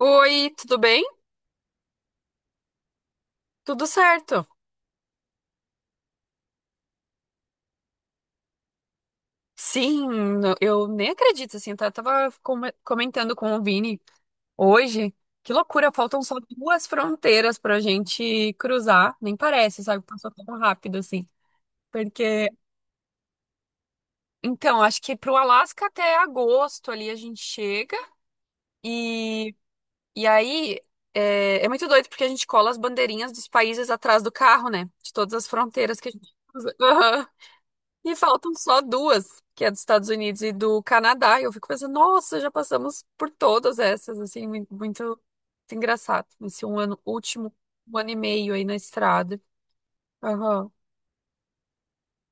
Oi, tudo bem? Tudo certo? Sim, eu nem acredito, assim, comentando com o Vini hoje. Que loucura, faltam só duas fronteiras pra gente cruzar. Nem parece, sabe? Passou tão rápido assim. Porque, então, acho que pro Alasca até agosto ali a gente chega. E, e aí é, é muito doido porque a gente cola as bandeirinhas dos países atrás do carro, né? De todas as fronteiras que a gente cruza. E faltam só duas, que é dos Estados Unidos e do Canadá. E eu fico pensando, nossa, já passamos por todas essas, assim, muito, muito engraçado. Esse um ano, último um ano e meio aí na estrada. Aham.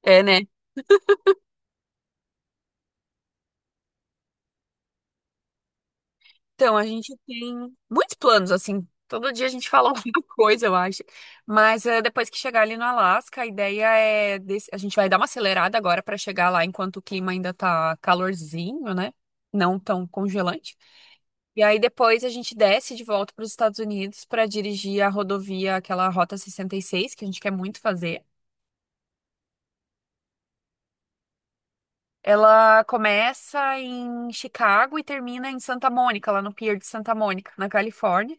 É, né? Então, a gente tem muitos planos, assim. Todo dia a gente fala alguma coisa, eu acho. Mas é, depois que chegar ali no Alasca, a ideia é... desse- a gente vai dar uma acelerada agora para chegar lá enquanto o clima ainda tá calorzinho, né? Não tão congelante. E aí depois a gente desce de volta para os Estados Unidos para dirigir a rodovia, aquela Rota 66, que a gente quer muito fazer. Ela começa em Chicago e termina em Santa Mônica, lá no Pier de Santa Mônica, na Califórnia.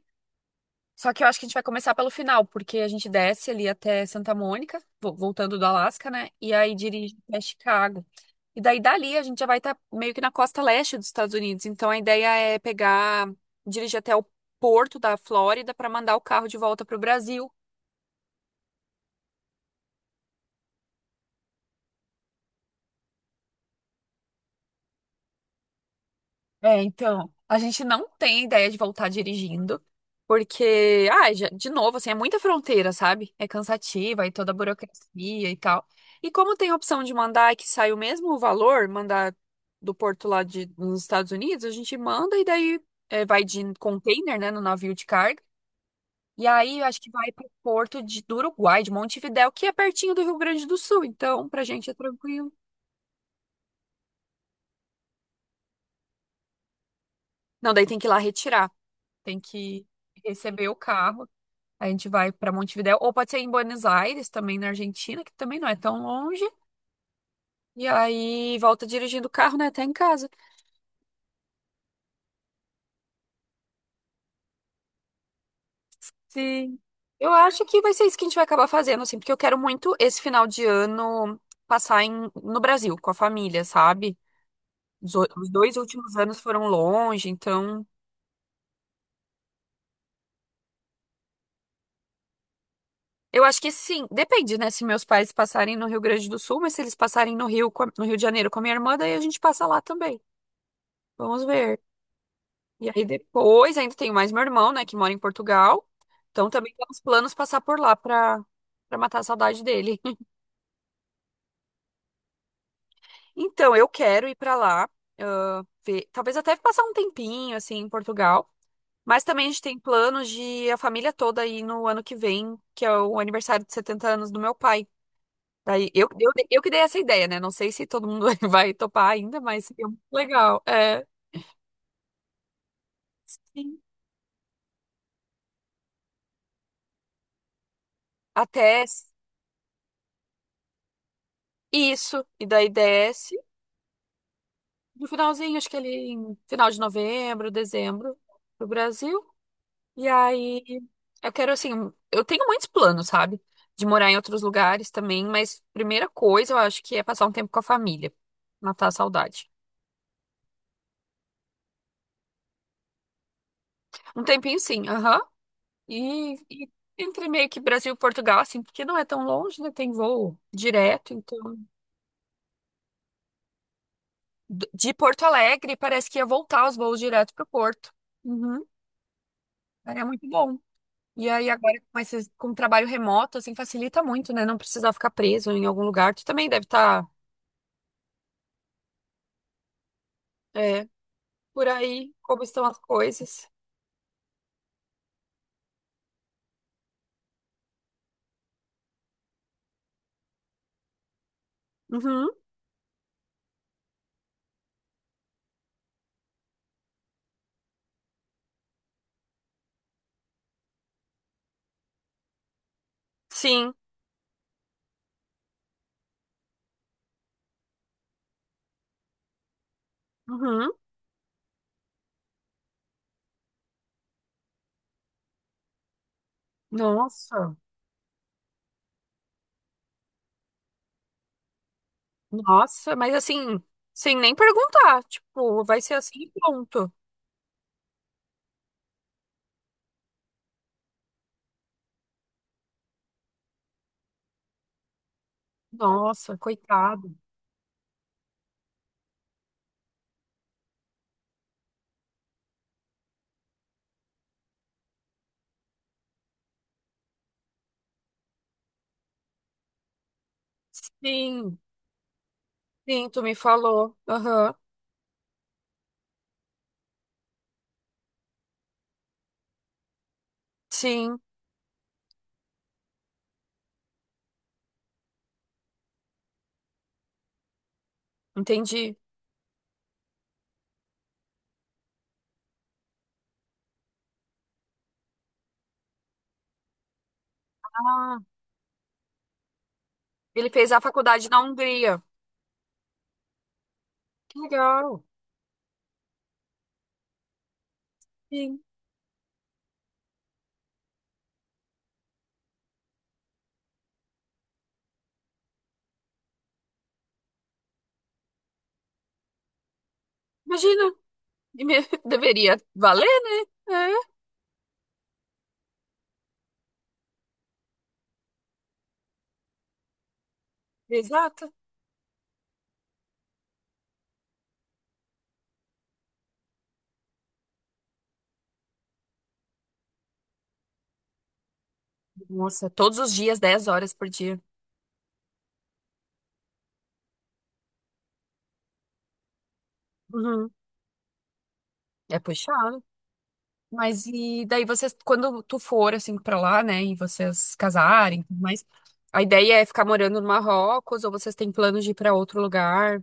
Só que eu acho que a gente vai começar pelo final, porque a gente desce ali até Santa Mônica, voltando do Alasca, né? E aí dirige até Chicago. E daí dali a gente já vai estar meio que na costa leste dos Estados Unidos. Então a ideia é pegar, dirigir até o porto da Flórida para mandar o carro de volta para o Brasil. É, então, a gente não tem ideia de voltar dirigindo, porque, ah, de novo, assim, é muita fronteira, sabe? É cansativa e toda a burocracia e tal. E como tem a opção de mandar que sai o mesmo valor, mandar do porto lá de, nos Estados Unidos, a gente manda e daí é, vai de container, né, no navio de carga. E aí, eu acho que vai pro porto de, do Uruguai, de Montevidéu, que é pertinho do Rio Grande do Sul. Então, pra gente é tranquilo. Não, daí tem que ir lá retirar. Tem que receber o carro. A gente vai para Montevidéu, ou pode ser em Buenos Aires, também na Argentina, que também não é tão longe. E aí volta dirigindo o carro, né, até em casa. Sim. Eu acho que vai ser isso que a gente vai acabar fazendo, assim, porque eu quero muito esse final de ano passar em, no Brasil, com a família, sabe? Os dois últimos anos foram longe, então. Eu acho que sim, depende, né? Se meus pais passarem no Rio Grande do Sul, mas se eles passarem no Rio, no Rio de Janeiro com a minha irmã, daí a gente passa lá também. Vamos ver. E aí depois ainda tenho mais meu irmão, né, que mora em Portugal. Então também temos planos passar por lá para matar a saudade dele. Então eu quero ir para lá, ah, ver, talvez até passar um tempinho assim em Portugal. Mas também a gente tem planos de a família toda ir no ano que vem, que é o aniversário de 70 anos do meu pai. Daí eu que dei essa ideia, né? Não sei se todo mundo vai topar ainda, mas seria muito legal. É, sim. Até isso. E daí desce. No finalzinho, acho que ele em final de novembro, dezembro, pro Brasil. E aí eu quero assim, eu tenho muitos planos, sabe? De morar em outros lugares também, mas primeira coisa eu acho que é passar um tempo com a família, matar a saudade. Um tempinho sim, aham. E entre meio que Brasil e Portugal, assim, porque não é tão longe, né? Tem voo direto, então de Porto Alegre parece que ia voltar os voos direto pro Porto. Uhum. Aí é muito bom. E aí agora com esse, com o trabalho remoto, assim, facilita muito, né? Não precisar ficar preso em algum lugar. Tu também deve estar, é, por aí, como estão as coisas. Uhum, sim. Uhum. Nossa, nossa, mas assim, sem nem perguntar, tipo, vai ser assim e pronto. Nossa, coitado. Sim, sim, tu me falou. Aham, sim, entendi. Ah, ele fez a faculdade na Hungria. Que legal. Sim. Imagina. E me- deveria valer, né? É, exato. Nossa, todos os dias, 10 horas por dia. Uhum. É puxado. Mas e daí vocês, quando tu for assim pra lá, né, e vocês casarem, e tudo mais, a ideia é ficar morando no Marrocos ou vocês têm planos de ir pra outro lugar?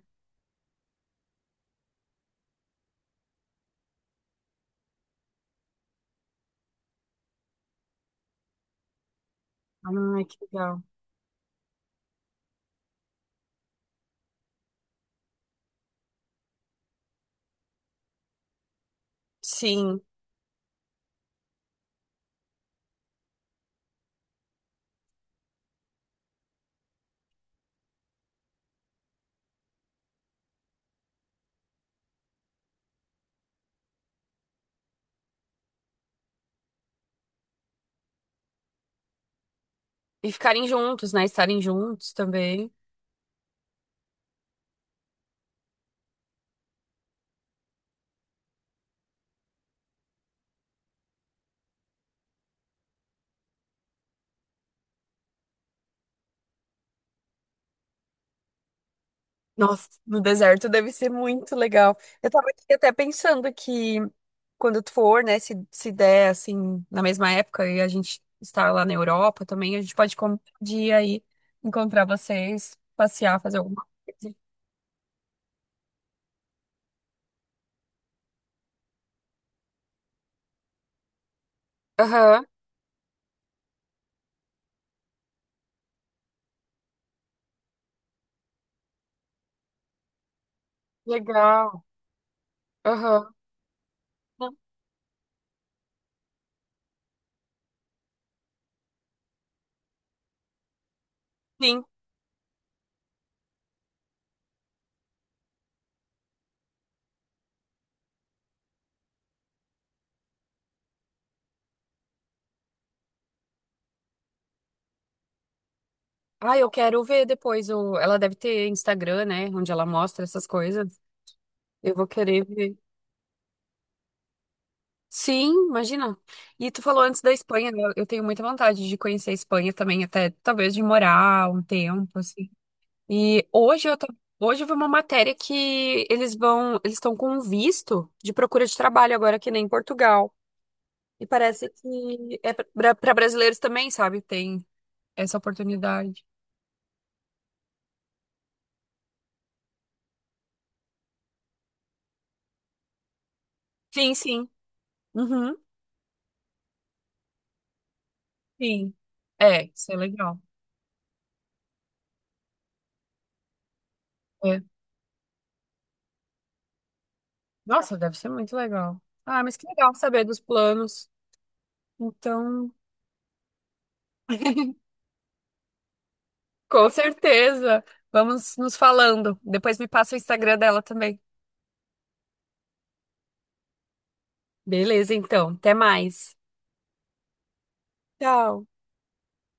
Ai, que legal. Sim, e ficarem juntos, né, estarem juntos também. Nossa, no deserto deve ser muito legal. Eu tava aqui até pensando que quando tu for, né, se der, assim, na mesma época e a gente estar lá na Europa também, a gente pode de ir aí encontrar vocês, passear, fazer alguma coisa. Aham, legal. Aham. Sim. Ah, eu quero ver depois o... Ela deve ter Instagram, né, onde ela mostra essas coisas. Eu vou querer ver. Sim, imagina. E tu falou antes da Espanha, né? Eu tenho muita vontade de conhecer a Espanha também, até talvez de morar um tempo, assim. E hoje eu tô, hoje eu vi uma matéria que eles vão, eles estão com um visto de procura de trabalho agora que nem em Portugal. E parece que é para brasileiros também, sabe? Tem essa oportunidade. Sim, sim. Uhum, sim. É, isso é legal. É. Nossa, deve ser muito legal. Ah, mas que legal saber dos planos. Então, com certeza. Vamos nos falando. Depois me passa o Instagram dela também. Beleza, então. Até mais. Tchau.